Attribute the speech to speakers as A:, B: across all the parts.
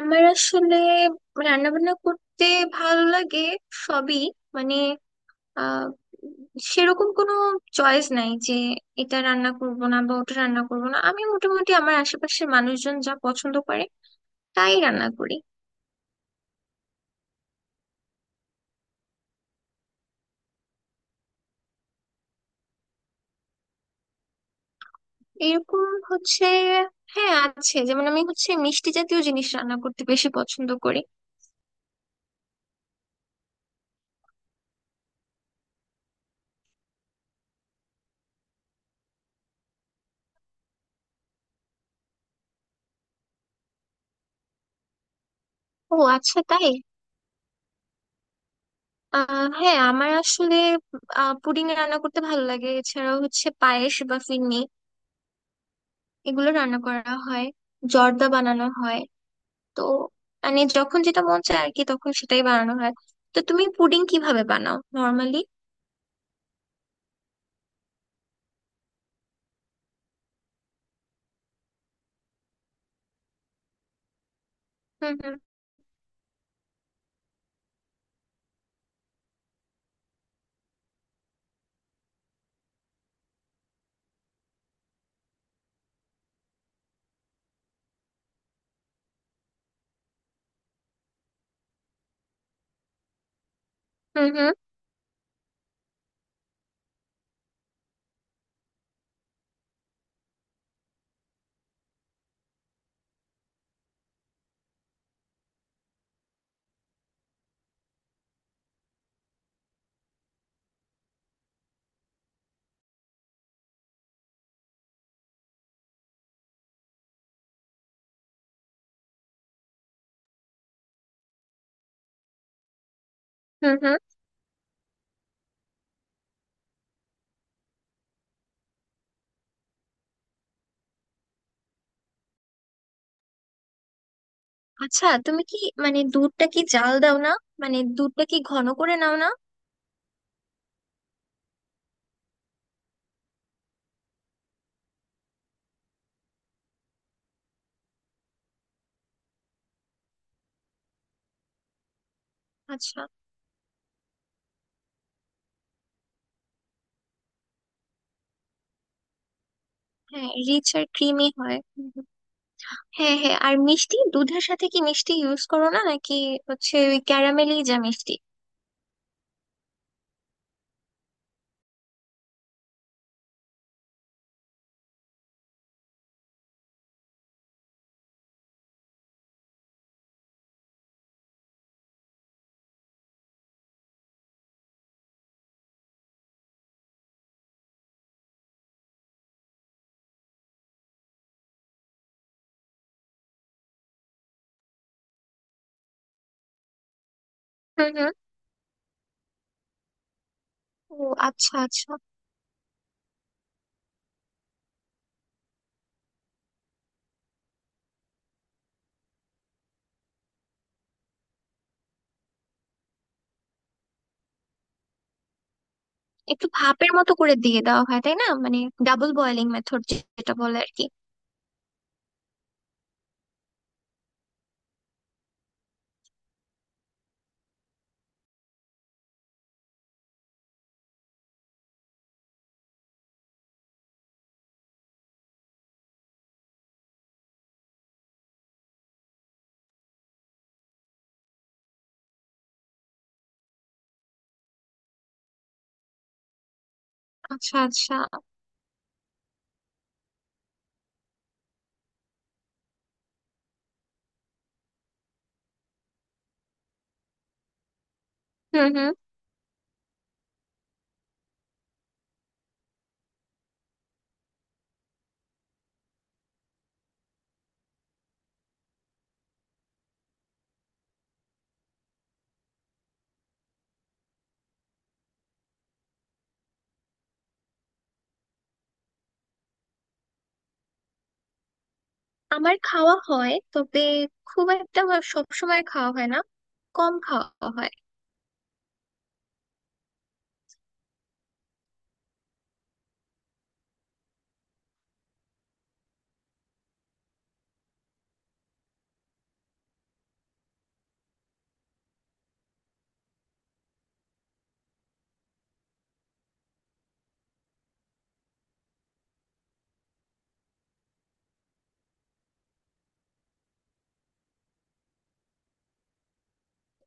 A: আমার আসলে রান্না বান্না করতে ভালো লাগে সবই। মানে আহ সেরকম কোনো চয়েস নাই যে এটা রান্না করব না বা ওটা রান্না করব না। আমি মোটামুটি আমার আশেপাশের মানুষজন যা পছন্দ করে তাই রান্না করি। এরকম হচ্ছে হ্যাঁ আছে, যেমন আমি হচ্ছে মিষ্টি জাতীয় জিনিস রান্না করতে বেশি পছন্দ করি। ও আচ্ছা, তাই? হ্যাঁ, আমার আসলে পুডিং রান্না করতে ভালো লাগে, এছাড়াও হচ্ছে পায়েস বা ফিরনি এগুলো রান্না করা হয়, জর্দা বানানো হয়। তো মানে যখন যেটা মন চায় আর কি তখন সেটাই বানানো হয়। তো তুমি পুডিং কিভাবে বানাও নর্মালি? হুম হুম। হুম হুম। হুম হুম। আচ্ছা, তুমি কি মানে দুধটা কি জাল দাও না, মানে দুধটা কি ঘন করে নাও না? আচ্ছা। হ্যাঁ, রিচ আর ক্রিমি হয়। হুম, হুম। হ্যাঁ হ্যাঁ, আর মিষ্টি দুধের সাথে কি মিষ্টি ইউজ করো না নাকি হচ্ছে ওই ক্যারামেলি যা মিষ্টি? হুম হুম। ও আচ্ছা আচ্ছা। একটু ভাপের মতো করে দিয়ে দেওয়া হয় তাই না, মানে ডাবল বয়েলিং মেথড যেটা বলে আর কি। আচ্ছা আচ্ছা। হুম হুম। আমার খাওয়া হয়, তবে খুব একটা সব সময় খাওয়া হয় না, কম খাওয়া হয়।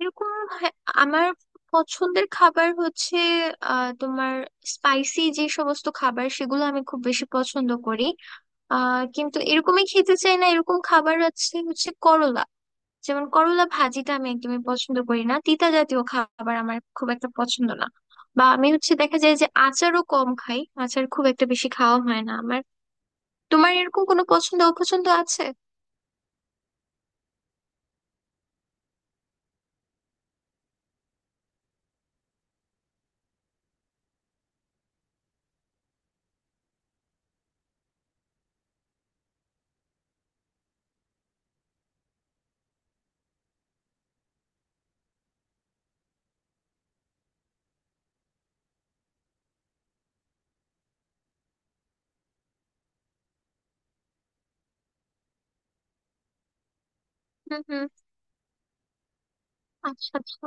A: এরকম হ্যাঁ, আমার পছন্দের খাবার হচ্ছে তোমার স্পাইসি যে সমস্ত খাবার সেগুলো আমি খুব বেশি পছন্দ করি। কিন্তু এরকমই খেতে চাই না এরকম খাবার আছে হচ্ছে করলা। যেমন করলা ভাজিটা আমি একদমই পছন্দ করি না, তিতা জাতীয় খাবার আমার খুব একটা পছন্দ না। বা আমি হচ্ছে দেখা যায় যে আচারও কম খাই, আচার খুব একটা বেশি খাওয়া হয় না আমার। তোমার এরকম কোনো পছন্দ অপছন্দ আছে? হুম হুম। আচ্ছা আচ্ছা।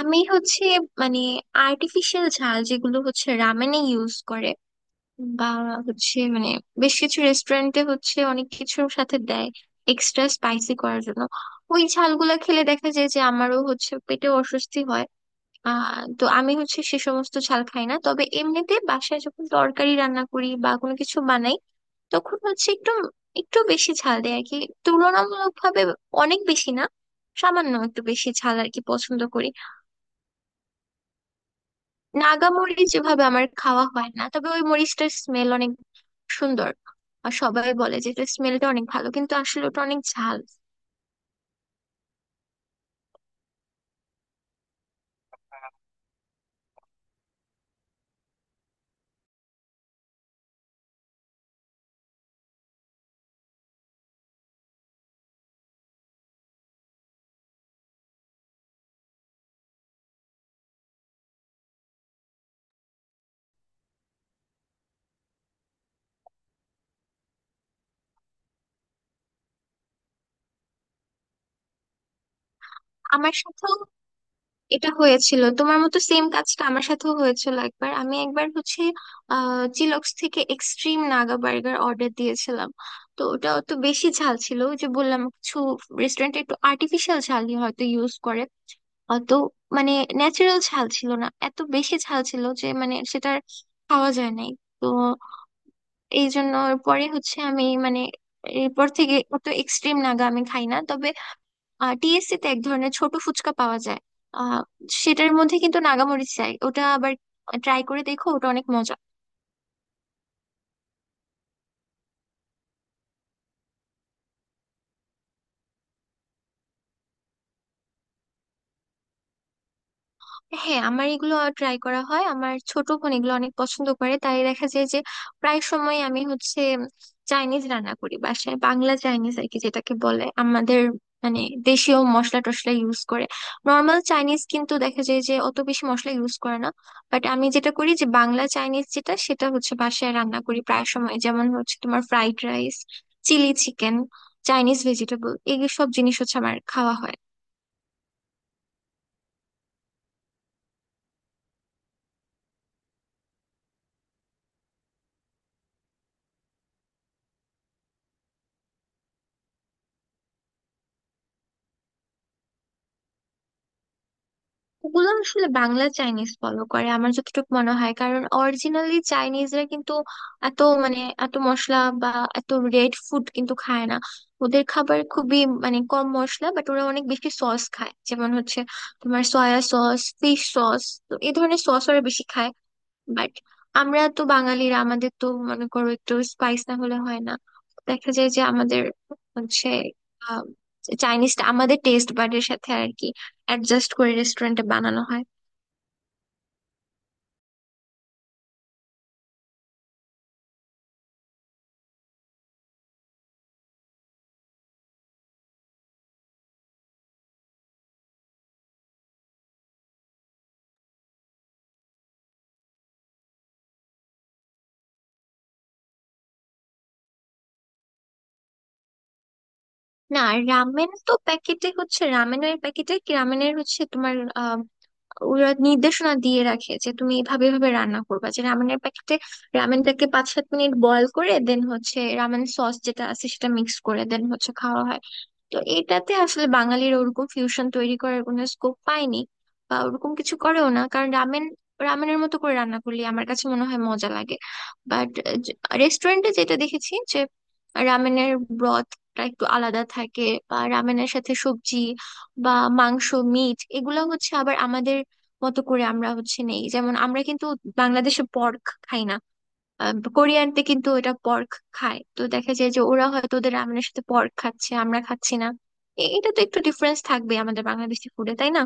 A: আমি হচ্ছে মানে আর্টিফিশিয়াল ঝাল যেগুলো হচ্ছে রামেনে ইউজ করে বা হচ্ছে মানে বেশ কিছু রেস্টুরেন্টে হচ্ছে অনেক কিছুর সাথে দেয় এক্সট্রা স্পাইসি করার জন্য, ওই ঝালগুলা খেলে দেখা যায় যে আমারও হচ্ছে পেটে অস্বস্তি হয়। তো আমি হচ্ছে সে সমস্ত ঝাল খাই না, তবে এমনিতে বাসায় যখন তরকারি রান্না করি বা কোনো কিছু বানাই তখন হচ্ছে একটু একটু বেশি ঝাল দেয় আর কি, তুলনামূলক ভাবে অনেক বেশি না, সামান্য একটু বেশি ঝাল আর কি পছন্দ করি। নাগা মরিচ যেভাবে আমার খাওয়া হয় না, তবে ওই মরিচটার স্মেল অনেক সুন্দর। আর সবাই বলে যে এটা স্মেলটা অনেক ভালো কিন্তু আসলে ওটা অনেক ঝাল। আমার সাথেও এটা হয়েছিল, তোমার মতো সেম কাজটা আমার সাথেও হয়েছিল একবার। আমি একবার হচ্ছে চিলক্স থেকে এক্সট্রিম নাগা বার্গার অর্ডার দিয়েছিলাম, তো ওটা তো বেশি ঝাল ছিল। ওই যে বললাম কিছু রেস্টুরেন্টে একটু আর্টিফিশিয়াল ঝালই হয়তো ইউজ করে, অত মানে ন্যাচারাল ঝাল ছিল না, এত বেশি ঝাল ছিল যে মানে সেটার খাওয়া যায় নাই। তো এই জন্য পরে হচ্ছে আমি মানে এরপর থেকে অত এক্সট্রিম নাগা আমি খাই না, তবে টিএসসি তে এক ধরনের ছোট ফুচকা পাওয়া যায়, আহ সেটার মধ্যে কিন্তু নাগা মরিচ দেয়, ওটা আবার ট্রাই করে দেখো, ওটা অনেক মজা। হ্যাঁ, আমার এগুলো ট্রাই করা হয়, আমার ছোট বোন এগুলো অনেক পছন্দ করে তাই দেখা যায় যে প্রায় সময় আমি হচ্ছে চাইনিজ রান্না করি বাসায়, বাংলা চাইনিজ আর কি যেটাকে বলে আমাদের, মানে দেশীয় মশলা টশলা ইউজ করে। নর্মাল চাইনিজ কিন্তু দেখা যায় যে অত বেশি মশলা ইউজ করে না, বাট আমি যেটা করি যে বাংলা চাইনিজ যেটা সেটা হচ্ছে বাসায় রান্না করি প্রায় সময়, যেমন হচ্ছে তোমার fried rice, chilli chicken, Chinese vegetable এই সব জিনিস হচ্ছে আমার খাওয়া হয়। ওগুলো আসলে বাংলা চাইনিজ ফলো করে আমার যতটুকু মনে হয়, কারণ অরিজিনালি চাইনিজরা কিন্তু এত মানে এত মশলা বা এত রেড ফুড কিন্তু খায় না। ওদের খাবার খুবই মানে কম মশলা, বাট ওরা অনেক বেশি সস খায়, যেমন হচ্ছে তোমার সয়া সস, ফিশ সস, তো এই ধরনের সস ওরা বেশি খায়। বাট আমরা তো বাঙালিরা, আমাদের তো মনে করো একটু স্পাইস না হলে হয় না, দেখা যায় যে আমাদের হচ্ছে চাইনিজটা আমাদের টেস্ট বাডের সাথে আর কি অ্যাডজাস্ট করে রেস্টুরেন্টে বানানো হয়। না। রামেন তো প্যাকেটে হচ্ছে, রামেনের প্যাকেটে কি রামেনের হচ্ছে তোমার আহ, ওরা নির্দেশনা দিয়ে রাখে যে তুমি এভাবে এভাবে রান্না করবা, যে রামেনের প্যাকেটে রামেনটাকে 5-7 মিনিট বয়ল করে দেন হচ্ছে রামেন সস যেটা আছে সেটা মিক্স করে দেন হচ্ছে খাওয়া হয়। তো এটাতে আসলে বাঙালির ওরকম ফিউশন তৈরি করার কোনো স্কোপ পায়নি বা ওরকম কিছু করেও না, কারণ রামেন রামেনের মতো করে রান্না করলে আমার কাছে মনে হয় মজা লাগে। বাট রেস্টুরেন্টে যেটা দেখেছি যে রামেনের ব্রথটা একটু আলাদা থাকে, বা রামেনের সাথে সবজি বা মাংস, মিট এগুলো হচ্ছে আবার আমাদের মতো করে আমরা হচ্ছে নেই। যেমন আমরা কিন্তু বাংলাদেশে পর্ক খাই না, কোরিয়ানতে কিন্তু এটা পর্ক খায়, তো দেখা যায় যে ওরা হয়তো ওদের রামেনের সাথে পর্ক খাচ্ছে, আমরা খাচ্ছি না। এটা তো একটু ডিফারেন্স থাকবে আমাদের বাংলাদেশি ফুডে তাই না?